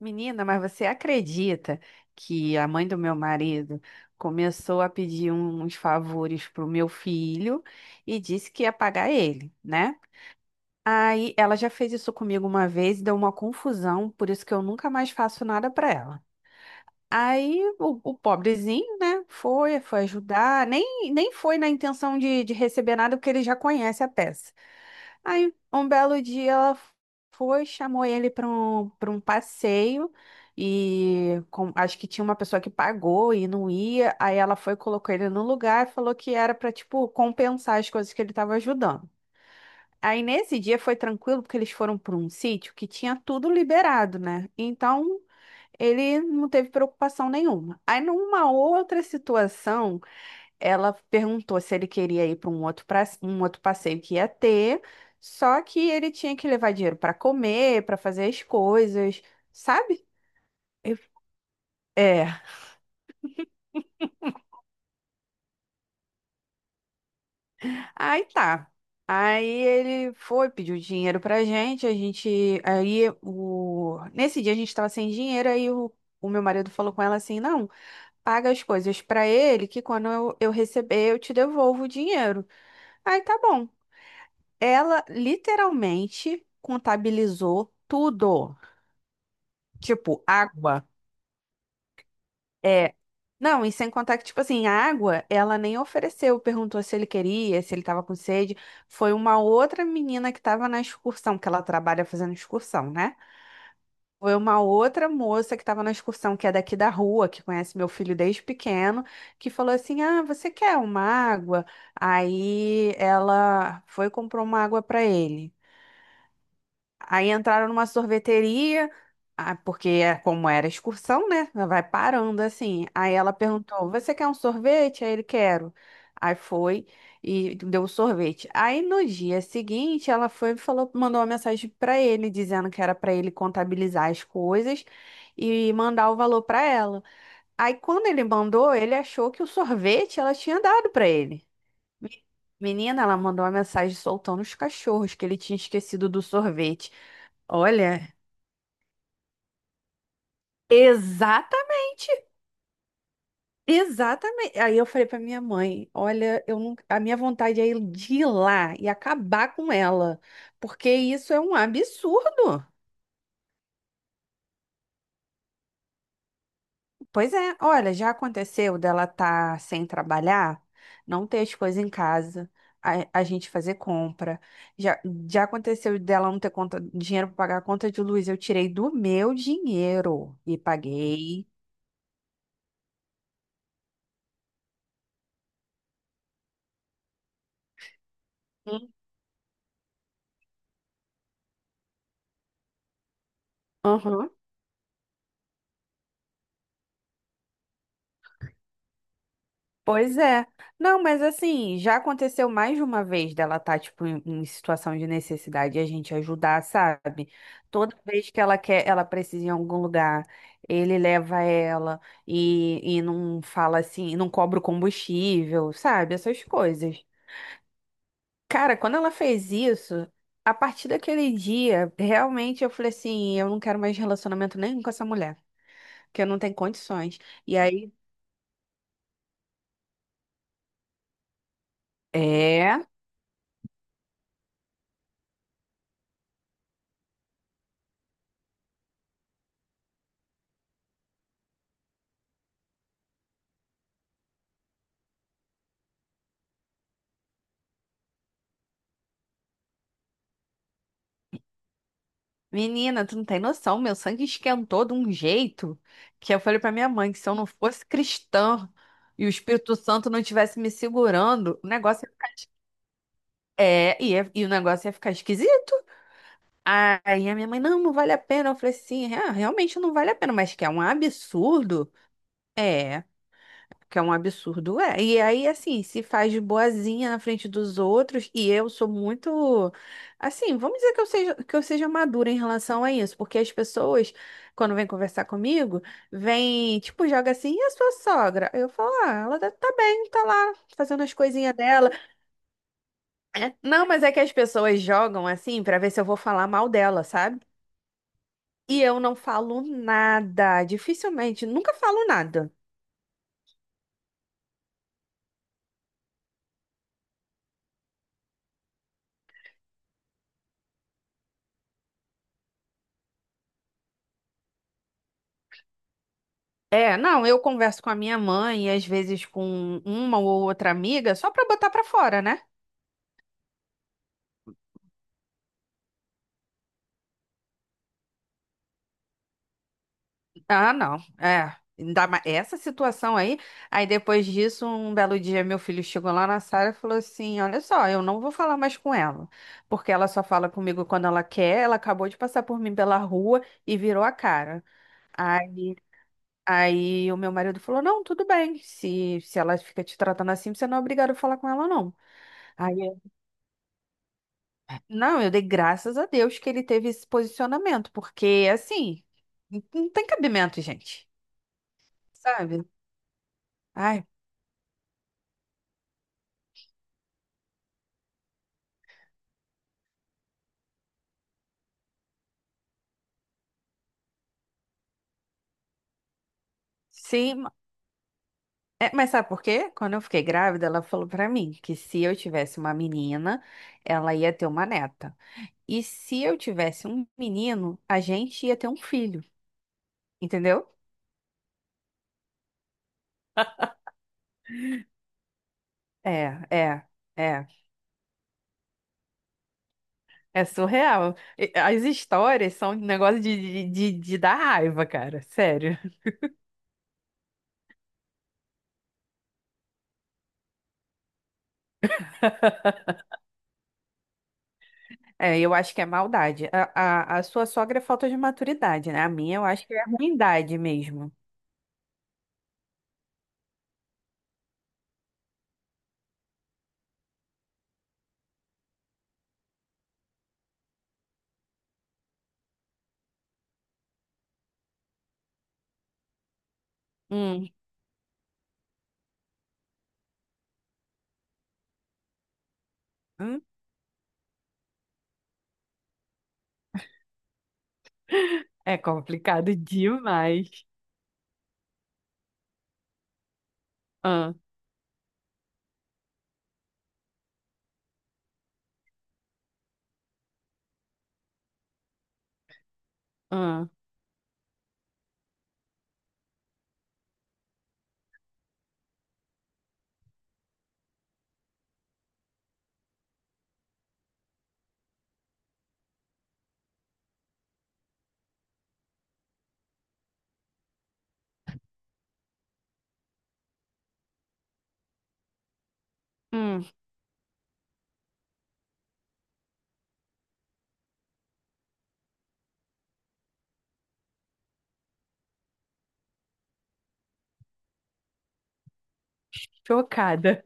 Menina, mas você acredita que a mãe do meu marido começou a pedir uns favores pro meu filho e disse que ia pagar ele, né? Aí ela já fez isso comigo uma vez e deu uma confusão, por isso que eu nunca mais faço nada pra ela. Aí o pobrezinho, né, foi ajudar, nem foi na intenção de receber nada, porque ele já conhece a peça. Aí, um belo dia, ela foi, chamou ele para um passeio e acho que tinha uma pessoa que pagou e não ia. Aí ela foi, colocou ele no lugar e falou que era para, tipo, compensar as coisas que ele estava ajudando. Aí, nesse dia, foi tranquilo, porque eles foram para um sítio que tinha tudo liberado, né? Então, ele não teve preocupação nenhuma. Aí, numa outra situação, ela perguntou se ele queria ir para um outro passeio que ia ter, só que ele tinha que levar dinheiro para comer, para fazer as coisas, sabe? Eu- É. Aí tá. Aí ele foi, pediu dinheiro pra gente, aí o nesse dia a gente tava sem dinheiro, aí o meu marido falou com ela assim: não, paga as coisas para ele, que quando eu receber, eu te devolvo o dinheiro. Aí tá bom. Ela literalmente contabilizou tudo. Tipo, água. É. Não, e sem contar que, tipo assim, a água, ela nem ofereceu, perguntou se ele queria, se ele tava com sede. Foi uma outra menina que tava na excursão, que ela trabalha fazendo excursão, né? Foi uma outra moça que tava na excursão, que é daqui da rua, que conhece meu filho desde pequeno, que falou assim: ah, você quer uma água? Aí ela foi e comprou uma água pra ele. Aí entraram numa sorveteria, ah, porque é como era excursão, né? Vai parando assim. Aí ela perguntou: você quer um sorvete? Aí ele quero. Aí foi e deu o sorvete. Aí no dia seguinte ela foi e falou, mandou uma mensagem para ele dizendo que era para ele contabilizar as coisas e mandar o valor para ela. Aí quando ele mandou, ele achou que o sorvete ela tinha dado para ele. Me- Menina, ela mandou uma mensagem soltando os cachorros que ele tinha esquecido do sorvete. Olha, exatamente, exatamente. Aí eu falei pra minha mãe, olha, eu não, a minha vontade é ir de ir lá e acabar com ela, porque isso é um absurdo. Pois é, olha, já aconteceu dela estar sem trabalhar, não ter as coisas em casa, a gente fazer compra. Já, já aconteceu dela não ter conta, dinheiro para pagar a conta de luz. Eu tirei do meu dinheiro e paguei. Hum. Aham. Pois é. Não, mas assim, já aconteceu mais de uma vez dela estar, tipo, em situação de necessidade e a gente ajudar, sabe? Toda vez que ela quer, ela precisa ir em algum lugar, ele leva ela e não fala assim, não cobra o combustível, sabe? Essas coisas. Cara, quando ela fez isso, a partir daquele dia, realmente eu falei assim, eu não quero mais relacionamento nenhum com essa mulher, porque eu não tenho condições. E aí, é. Menina, tu não tem noção, meu sangue esquentou de um jeito que eu falei pra minha mãe que se eu não fosse cristã e o Espírito Santo não estivesse me segurando, o negócio ia ficar esquisito. Aí a minha mãe, não, não vale a pena. Eu falei assim: "É, realmente não vale a pena, mas que é um absurdo". É. Que é um absurdo, é. E aí, assim, se faz de boazinha na frente dos outros, e eu sou muito, assim, vamos dizer que eu seja madura em relação a isso, porque as pessoas, quando vêm conversar comigo, vêm, tipo, joga assim, e a sua sogra? Eu falo, ah, ela deve tá bem, tá lá, fazendo as coisinhas dela. É. Não, mas é que as pessoas jogam assim pra ver se eu vou falar mal dela, sabe? E eu não falo nada, dificilmente, nunca falo nada. É, não, eu converso com a minha mãe e às vezes com uma ou outra amiga só pra botar pra fora, né? Ah, não. É, ainda mais essa situação aí. Aí depois disso, um belo dia meu filho chegou lá na sala e falou assim: "Olha só, eu não vou falar mais com ela, porque ela só fala comigo quando ela quer. Ela acabou de passar por mim pela rua e virou a cara". Aí Aí o meu marido falou: não, tudo bem. Se ela fica te tratando assim, você não é obrigado a falar com ela, não. Aí não, eu dei graças a Deus que ele teve esse posicionamento, porque assim, não tem cabimento, gente, sabe? Ai, sim, é, mas sabe por quê? Quando eu fiquei grávida, ela falou pra mim que se eu tivesse uma menina, ela ia ter uma neta. E se eu tivesse um menino, a gente ia ter um filho, entendeu? É, é, é. É surreal. E- As histórias são um negócio de dar raiva, cara, sério. É, eu acho que é maldade. A sua sogra é falta de maturidade, né? A minha eu acho que é ruindade mesmo. Hum, hum. É complicado demais. Ah, ah, hum. Chocada.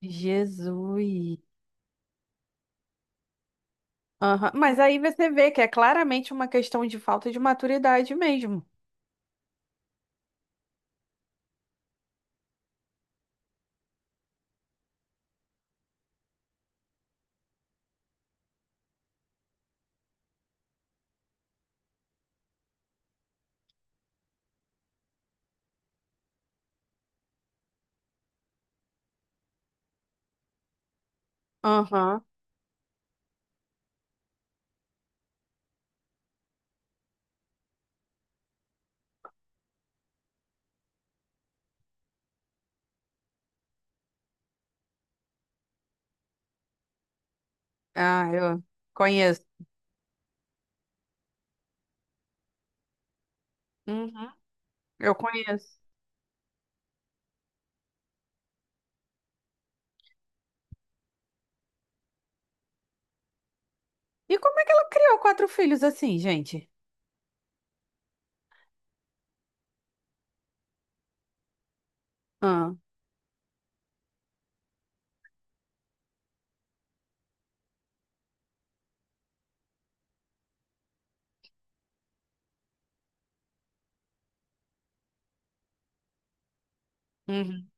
Jesus. Aham. Mas aí você vê que é claramente uma questão de falta de maturidade mesmo. Aham. Ah, eu conheço. Uhum. Eu conheço. E como é que ela criou quatro filhos assim, gente? Ah, uhum.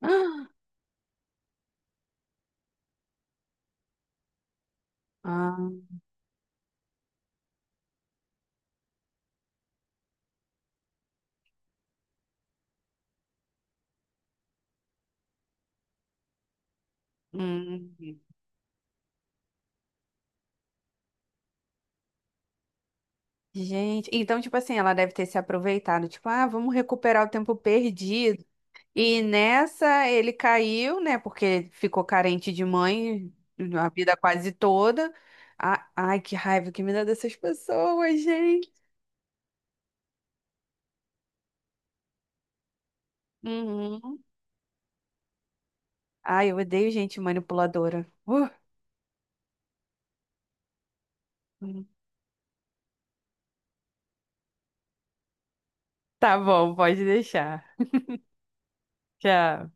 Ah, ah, hum. Gente, então, tipo assim, ela deve ter se aproveitado, tipo, ah, vamos recuperar o tempo perdido. E nessa ele caiu, né? Porque ficou carente de mãe a vida quase toda. Ah, ai, que raiva que me dá dessas pessoas, gente. Uhum. Ai, eu odeio gente manipuladora. Uh. Tá bom, pode deixar. Tchau.